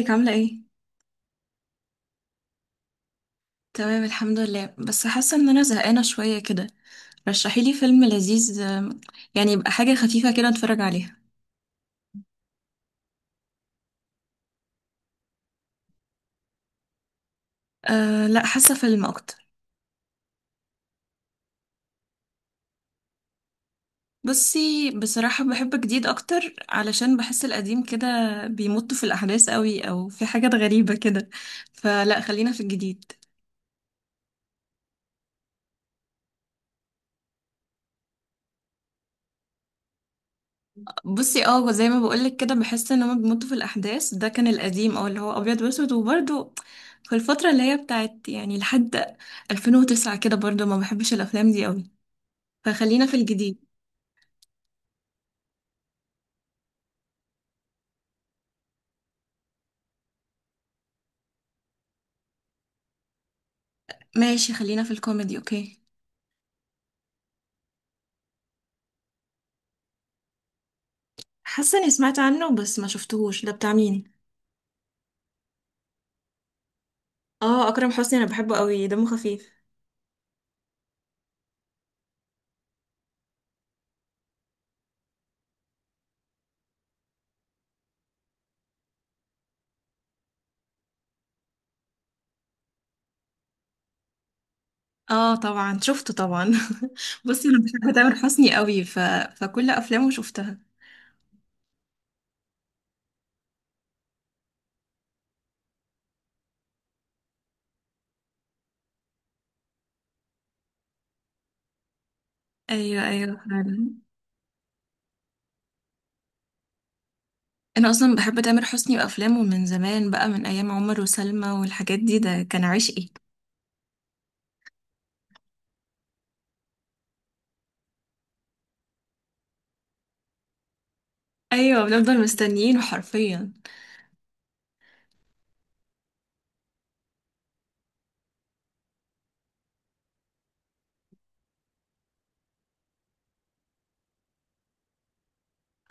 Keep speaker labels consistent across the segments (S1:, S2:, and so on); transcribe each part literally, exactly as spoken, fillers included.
S1: ازيك عاملة ايه؟ تمام الحمد لله، بس حاسة ان انا زهقانة شوية كده. رشحيلي فيلم لذيذ. آم، يعني يبقى حاجة خفيفة كده اتفرج عليها. أه لا، حاسة فيلم اكتر. بصي بصراحة بحب جديد اكتر علشان بحس القديم كده بيمط في الاحداث قوي، او في حاجات غريبة كده، فلا خلينا في الجديد. بصي اه، زي ما بقولك كده، بحس ان هما بيمطوا في الاحداث. ده كان القديم او اللي هو ابيض واسود. وبرده في الفتره اللي هي بتاعت يعني لحد ألفين وتسعة كده، برضو ما بحبش الافلام دي قوي، فخلينا في الجديد. ماشي، خلينا في الكوميدي. اوكي. حاسه اني سمعت عنه بس ما شفتهوش، ده بتاع مين؟ اه اكرم حسني، انا بحبه قوي، دمه خفيف. اه طبعا شفته طبعا. بصي انا بحب تامر حسني قوي ف... فكل افلامه شفتها. ايوه ايوه فعلا. انا اصلا بحب تامر حسني وافلامه من زمان بقى، من ايام عمر وسلمى والحاجات دي، ده كان عشقي. ايوه بنفضل مستنيين حرفيا.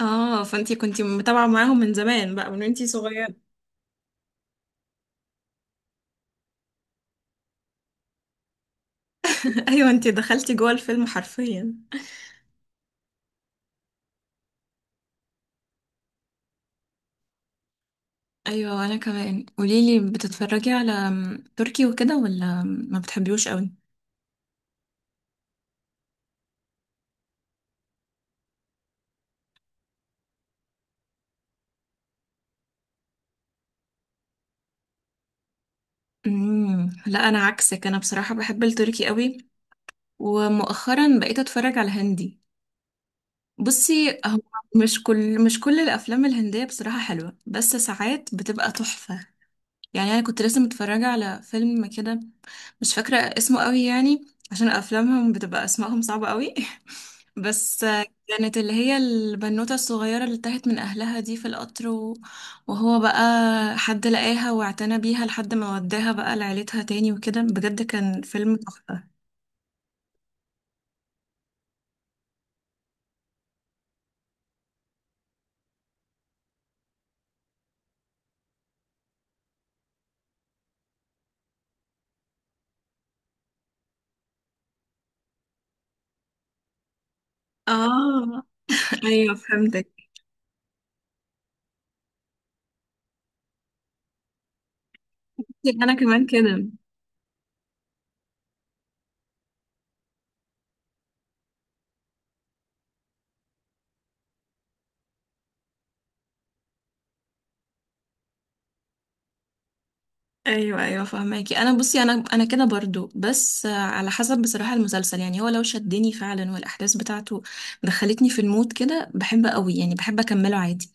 S1: اه فانتي كنتي متابعه معاهم من زمان بقى، من وانتي صغيره. ايوه انتي دخلتي جوه الفيلم حرفيا. ايوه. وانا كمان، قوليلي، بتتفرجي على م- تركي وكده، ولا ما بتحبيوش قوي؟ امم لا انا عكسك، انا بصراحه بحب التركي قوي، ومؤخرا بقيت اتفرج على هندي. بصي هو مش كل، مش كل الافلام الهنديه بصراحه حلوه، بس ساعات بتبقى تحفه. يعني انا كنت لسه متفرجه على فيلم كده، مش فاكره اسمه قوي يعني، عشان افلامهم بتبقى اسمائهم صعبه قوي. بس كانت اللي هي البنوته الصغيره اللي تاهت من اهلها دي في القطر، و- وهو بقى حد لقاها واعتنى بيها لحد ما وداها بقى لعيلتها تاني وكده، بجد كان فيلم تحفه. اه. ايوه فهمتك. انا كمان كده. ايوه ايوه فهماكي. انا بصي انا انا كده برضو، بس آه، على حسب بصراحه المسلسل. يعني هو لو شدني فعلا، والاحداث بتاعته دخلتني في المود كده بحب قوي، يعني بحب اكمله عادي.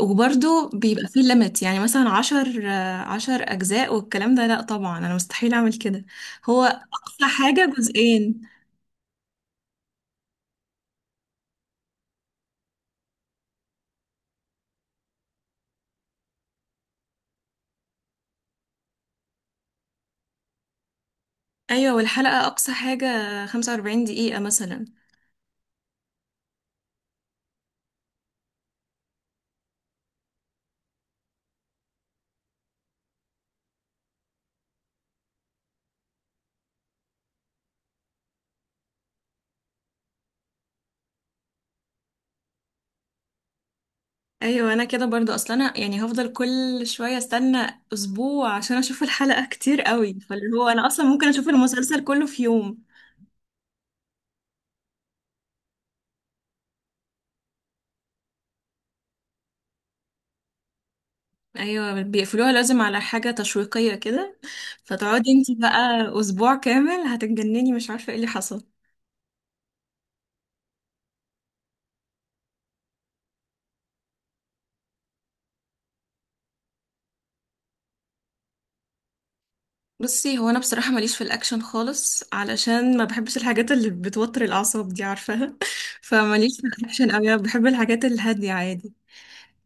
S1: وبرضو بيبقى فيه ليميت، يعني مثلا عشر، آه، عشر اجزاء والكلام ده، لا طبعا انا مستحيل اعمل كده، هو اقصى حاجه جزئين. ايوه، والحلقه اقصى حاجه خمسة وأربعين دقيقه مثلا. ايوه انا كده برضو. اصلا انا يعني هفضل كل شويه استنى اسبوع عشان اشوف الحلقه، كتير قوي. فاللي هو انا اصلا ممكن اشوف المسلسل كله في يوم. ايوه بيقفلوها لازم على حاجه تشويقيه كده، فتقعدي انتي بقى اسبوع كامل هتتجنني مش عارفه ايه اللي حصل. بصي هو انا بصراحه ماليش في الاكشن خالص، علشان ما بحبش الحاجات اللي بتوتر الاعصاب دي، عارفاها. فماليش في الاكشن قوي، أنا بحب الحاجات الهاديه عادي.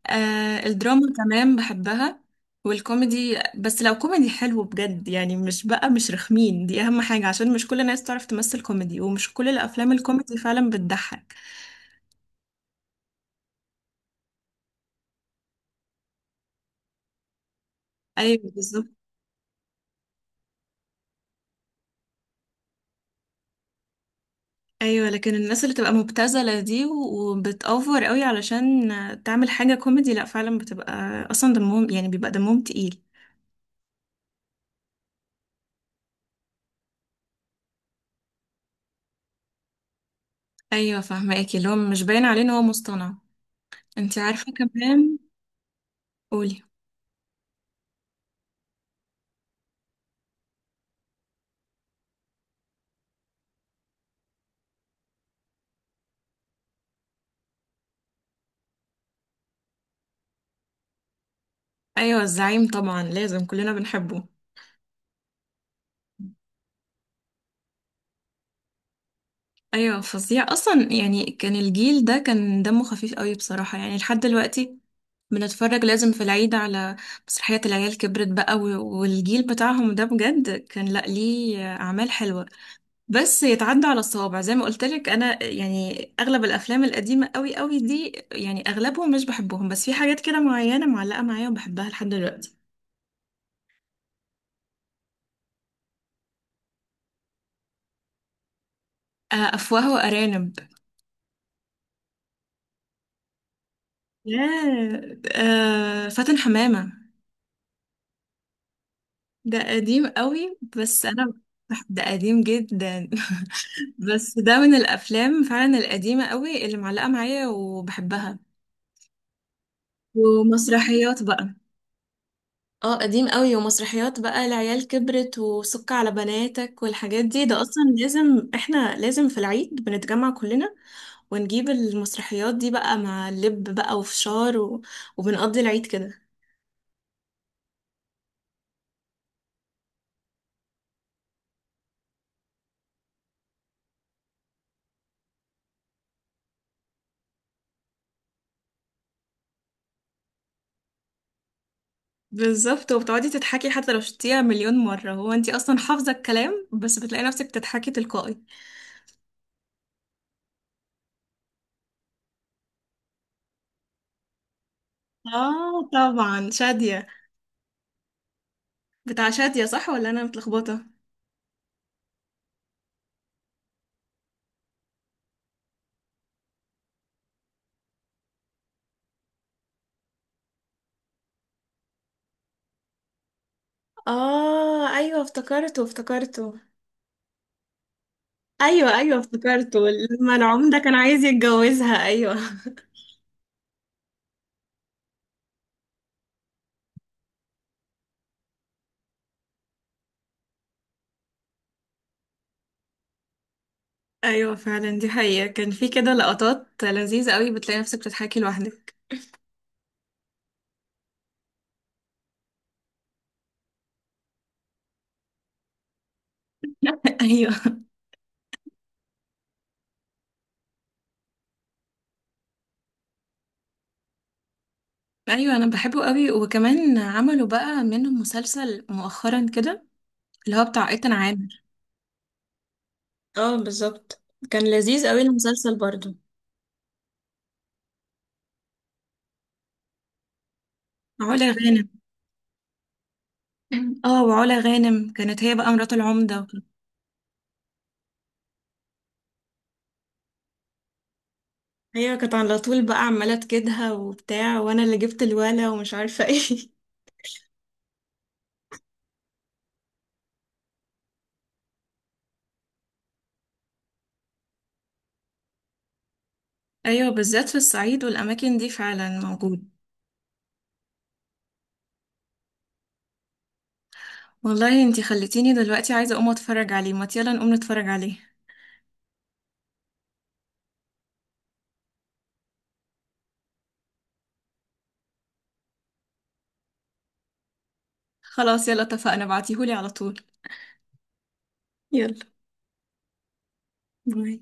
S1: آه الدراما كمان بحبها. والكوميدي بس لو كوميدي حلو بجد، يعني مش بقى مش رخمين، دي أهم حاجة، عشان مش كل الناس تعرف تمثل كوميدي، ومش كل الأفلام الكوميدي فعلا بتضحك. أيوة بالظبط. أيوة لكن الناس اللي تبقى مبتذلة دي و- وبتأوفر قوي علشان تعمل حاجة كوميدي، لأ فعلا بتبقى، أصلا دمهم يعني بيبقى دمهم تقيل. أيوة فاهماكي، اللي هو مش باين عليه إن هو مصطنع. انتي عارفة كمان. قولي. أيوة الزعيم، طبعا لازم كلنا بنحبه. ايوه فظيع اصلا، يعني كان الجيل ده كان دمه خفيف قوي بصراحه. يعني لحد دلوقتي بنتفرج لازم في العيد على مسرحيه العيال كبرت بقى، و- والجيل بتاعهم ده بجد كان، لا ليه اعمال حلوه، بس يتعدى على الصوابع. زي ما قلت لك انا، يعني اغلب الافلام القديمه قوي قوي دي، يعني اغلبهم مش بحبهم، بس في حاجات كده معينه معلقه معايا وبحبها لحد دلوقتي. آه، افواه وارانب. ياه، آه، فاتن حمامه. ده قديم قوي بس انا بح- ده قديم جدا. بس ده من الافلام فعلا القديمه قوي اللي معلقه معايا وبحبها. ومسرحيات بقى، اه قديم قوي. ومسرحيات بقى العيال كبرت، وسك على بناتك، والحاجات دي. ده اصلا لازم احنا لازم في العيد بنتجمع كلنا ونجيب المسرحيات دي بقى مع لب بقى وفشار و... وبنقضي العيد كده. بالظبط. وبتقعدي تضحكي حتى لو شفتيها مليون مرة، هو انتي اصلا حافظة الكلام، بس بتلاقي نفسك بتضحكي تلقائي. اه طبعا شادية. بتاع شادية صح، ولا انا متلخبطة؟ اه ايوه افتكرته افتكرته. ايوه ايوه افتكرته، لما العمدة كان عايز يتجوزها. ايوه ايوه فعلا دي حقيقة، كان في كده لقطات لذيذة قوي بتلاقي نفسك بتضحكي لوحدك. ايوه. ايوه انا بحبه قوي، وكمان عملوا بقى منه مسلسل مؤخرا كده، اللي هو بتاع ايتان عامر. اه بالظبط. كان لذيذ قوي المسلسل برضو. علا غانم. اه، وعلا غانم كانت هي بقى مرات العمدة. ايوه كانت على طول بقى عماله تكدها وبتاع، وانا اللي جبت الولا ومش عارفه ايه. ايوه بالذات في الصعيد والاماكن دي فعلا موجود. والله انتي خلتيني دلوقتي عايزه اقوم اتفرج عليه، ما يلا نقوم نتفرج عليه. خلاص يلا اتفقنا، بعتيهولي على طول. يلا باي.